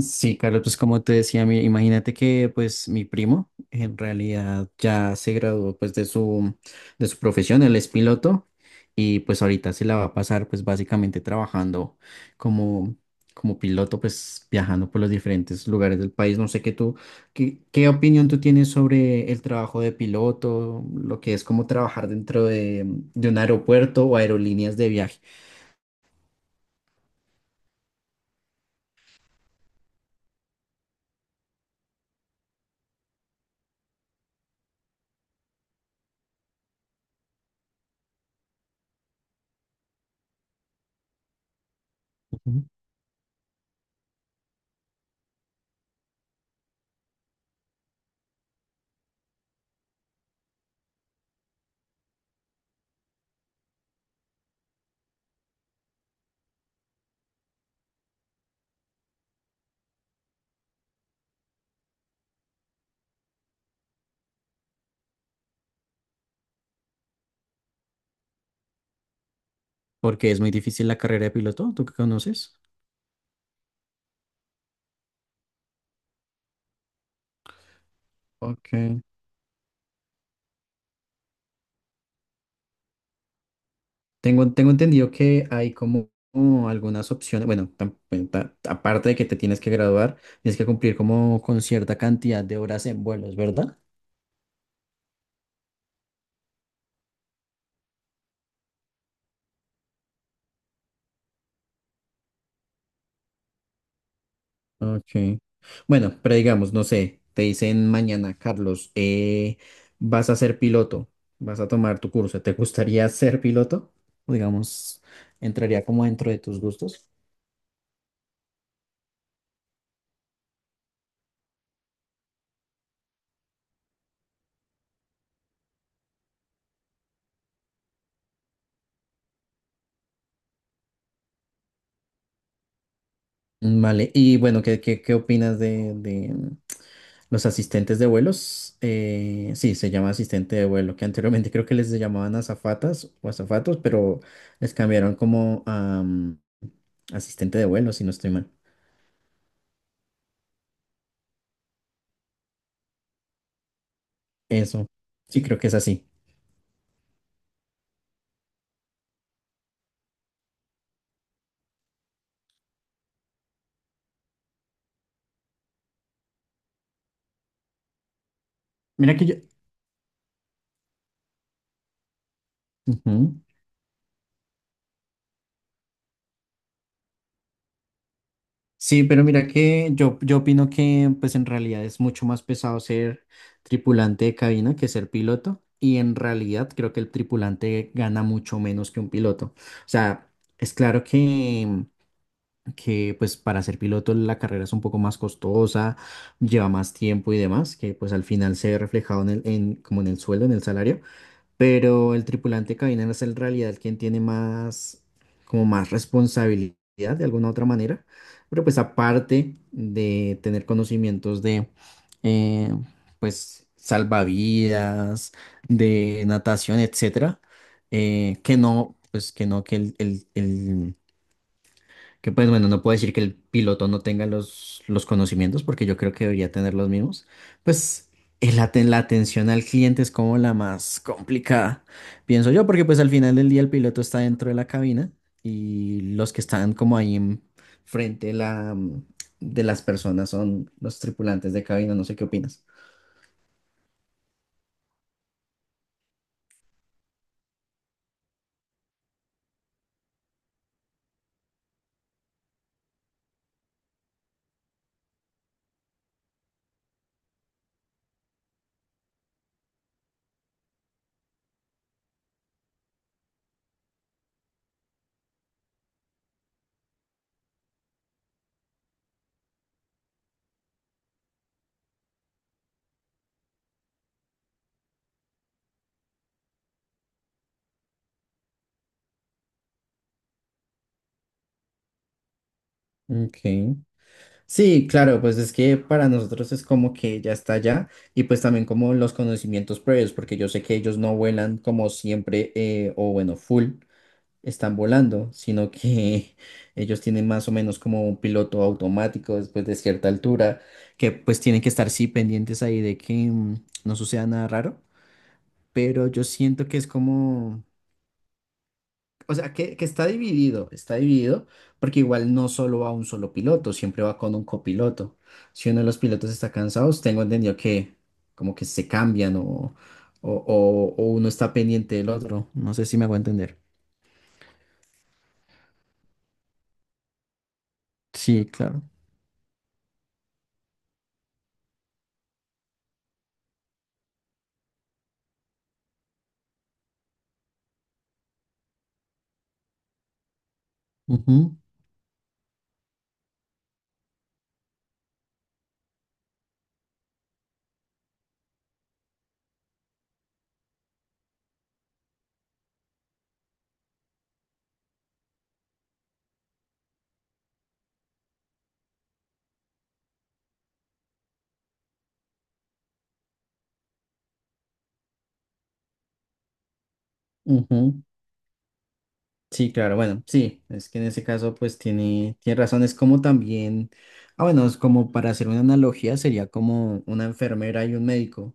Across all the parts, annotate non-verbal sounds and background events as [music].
Sí, Carlos, pues como te decía, imagínate que pues mi primo en realidad ya se graduó pues de su profesión, él es piloto y pues ahorita se la va a pasar pues básicamente trabajando como, como piloto pues viajando por los diferentes lugares del país. No sé qué opinión tú tienes sobre el trabajo de piloto, lo que es como trabajar dentro de un aeropuerto o aerolíneas de viaje. Ujú. Porque es muy difícil la carrera de piloto, ¿tú qué conoces? Ok. Tengo entendido que hay como algunas opciones, aparte de que te tienes que graduar, tienes que cumplir como con cierta cantidad de horas en vuelos, ¿verdad? Ok. Bueno, pero digamos, no sé, te dicen mañana, Carlos, vas a ser piloto, vas a tomar tu curso, ¿te gustaría [laughs] ser piloto? O digamos, entraría como dentro de tus gustos. Vale, y bueno, ¿qué opinas de los asistentes de vuelos? Eh, sí, se llama asistente de vuelo, que anteriormente creo que les llamaban azafatas o azafatos, pero les cambiaron como a asistente de vuelo, si no estoy mal. Eso, sí, creo que es así. Mira que yo... Ujú. Sí, pero mira que yo opino que pues en realidad es mucho más pesado ser tripulante de cabina que ser piloto, y en realidad creo que el tripulante gana mucho menos que un piloto. O sea, es claro que pues para ser piloto la carrera es un poco más costosa, lleva más tiempo y demás, que pues al final se ve reflejado como en el sueldo, en el salario, pero el tripulante de cabina es en realidad quien tiene más, como más responsabilidad de alguna otra manera, pero pues aparte de tener conocimientos de, eh, pues, salvavidas, de natación, etcétera, que no, pues que no, que el- que pues bueno, no puedo decir que el piloto no tenga los conocimientos, porque yo creo que debería tener los mismos. Pues la atención al cliente es como la más complicada, pienso yo, porque pues al final del día el piloto está dentro de la cabina, y los que están como ahí en frente de las personas son los tripulantes de cabina. No sé qué opinas. Ok. Sí, claro, pues es que para nosotros es como que ya está allá, y pues también como los conocimientos previos, porque yo sé que ellos no vuelan como siempre, o bueno, full están volando, sino que [laughs] ellos tienen más o menos como un piloto automático después de cierta altura, que pues tienen que estar sí pendientes ahí de que no suceda nada raro, pero yo siento que es como... O sea, que está dividido, porque igual no solo va un solo piloto, siempre va con un copiloto. Si uno de los pilotos está cansado, pues tengo entendido que como que se cambian o uno está pendiente del otro. No sé si me hago entender. Sí, claro. Ujú, ujú. Sí, claro, bueno, sí, es que en ese caso pues tiene, tiene razón, es como también, ah bueno, es como para hacer una analogía, sería como una enfermera y un médico.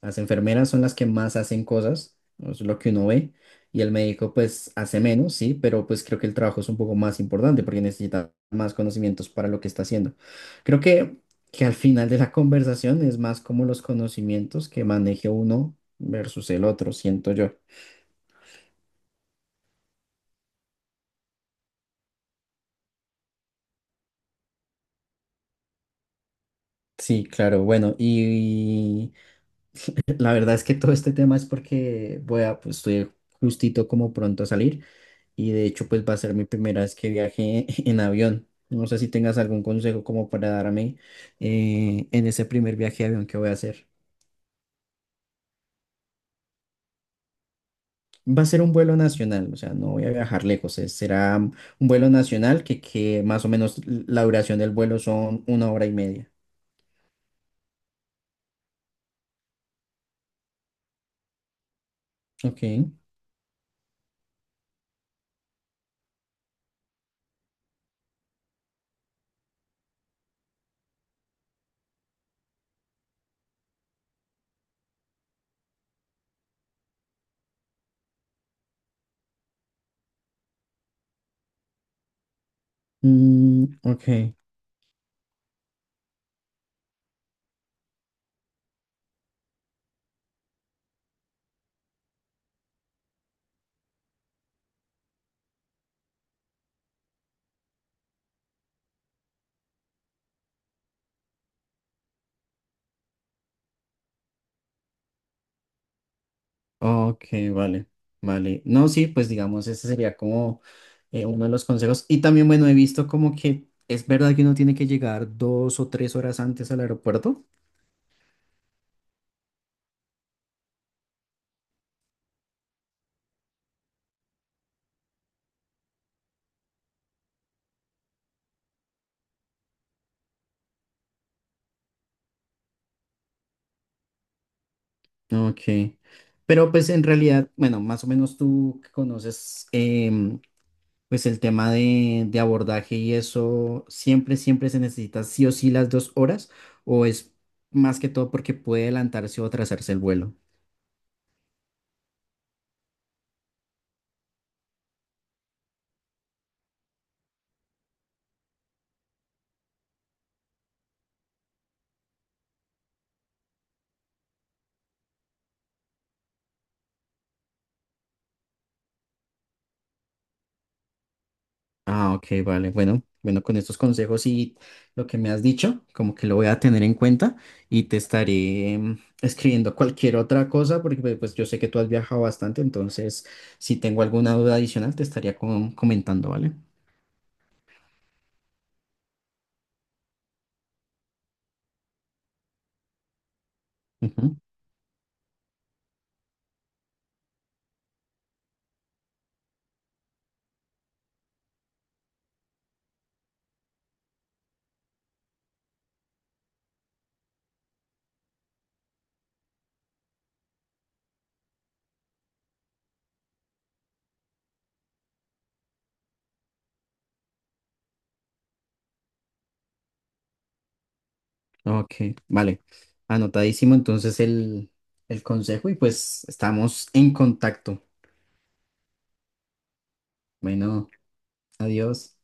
Las enfermeras son las que más hacen cosas, ¿no? Eso es lo que uno ve, y el médico pues hace menos, sí, pero pues creo que el trabajo es un poco más importante porque necesita más conocimientos para lo que está haciendo. Creo que al final de la [laughs] conversación es más como los conocimientos que maneje uno versus el otro, siento yo. Sí, claro, bueno, y la verdad es que todo este tema es porque voy a, pues estoy justito como pronto a salir, y de hecho pues va a ser mi primera vez que viaje [laughs] en avión. No sé si tengas algún consejo como para darme, en ese primer viaje de avión que voy a hacer. Va a ser un vuelo nacional, o sea, no voy a viajar lejos, será un vuelo nacional que más o menos la duración del vuelo son 1 hora y media. Ok. Mm, ok. Ok, vale, vale. No, sí, pues digamos, ese sería como, uno de los consejos. Y también, bueno, he visto como que es verdad que uno tiene que llegar 2 o 3 horas antes al aeropuerto. Ok. Pero pues en realidad, bueno, más o menos tú que conoces, em, pues el tema de abordaje y eso, siempre, siempre se necesita sí o sí las 2 horas, o es más que todo porque puede adelantarse o atrasarse el vuelo. Ah, ok, vale. Bueno, bueno, con estos consejos y lo que me has dicho, como que lo voy a tener en cuenta y te estaré, em, escribiendo cualquier otra cosa, porque yo sé que tú has viajado bastante, entonces si tengo alguna duda adicional te estaría comentando, ¿vale? Ujú. Ok, vale. Anotadísimo entonces el consejo, y pues estamos en contacto. Bueno, adiós.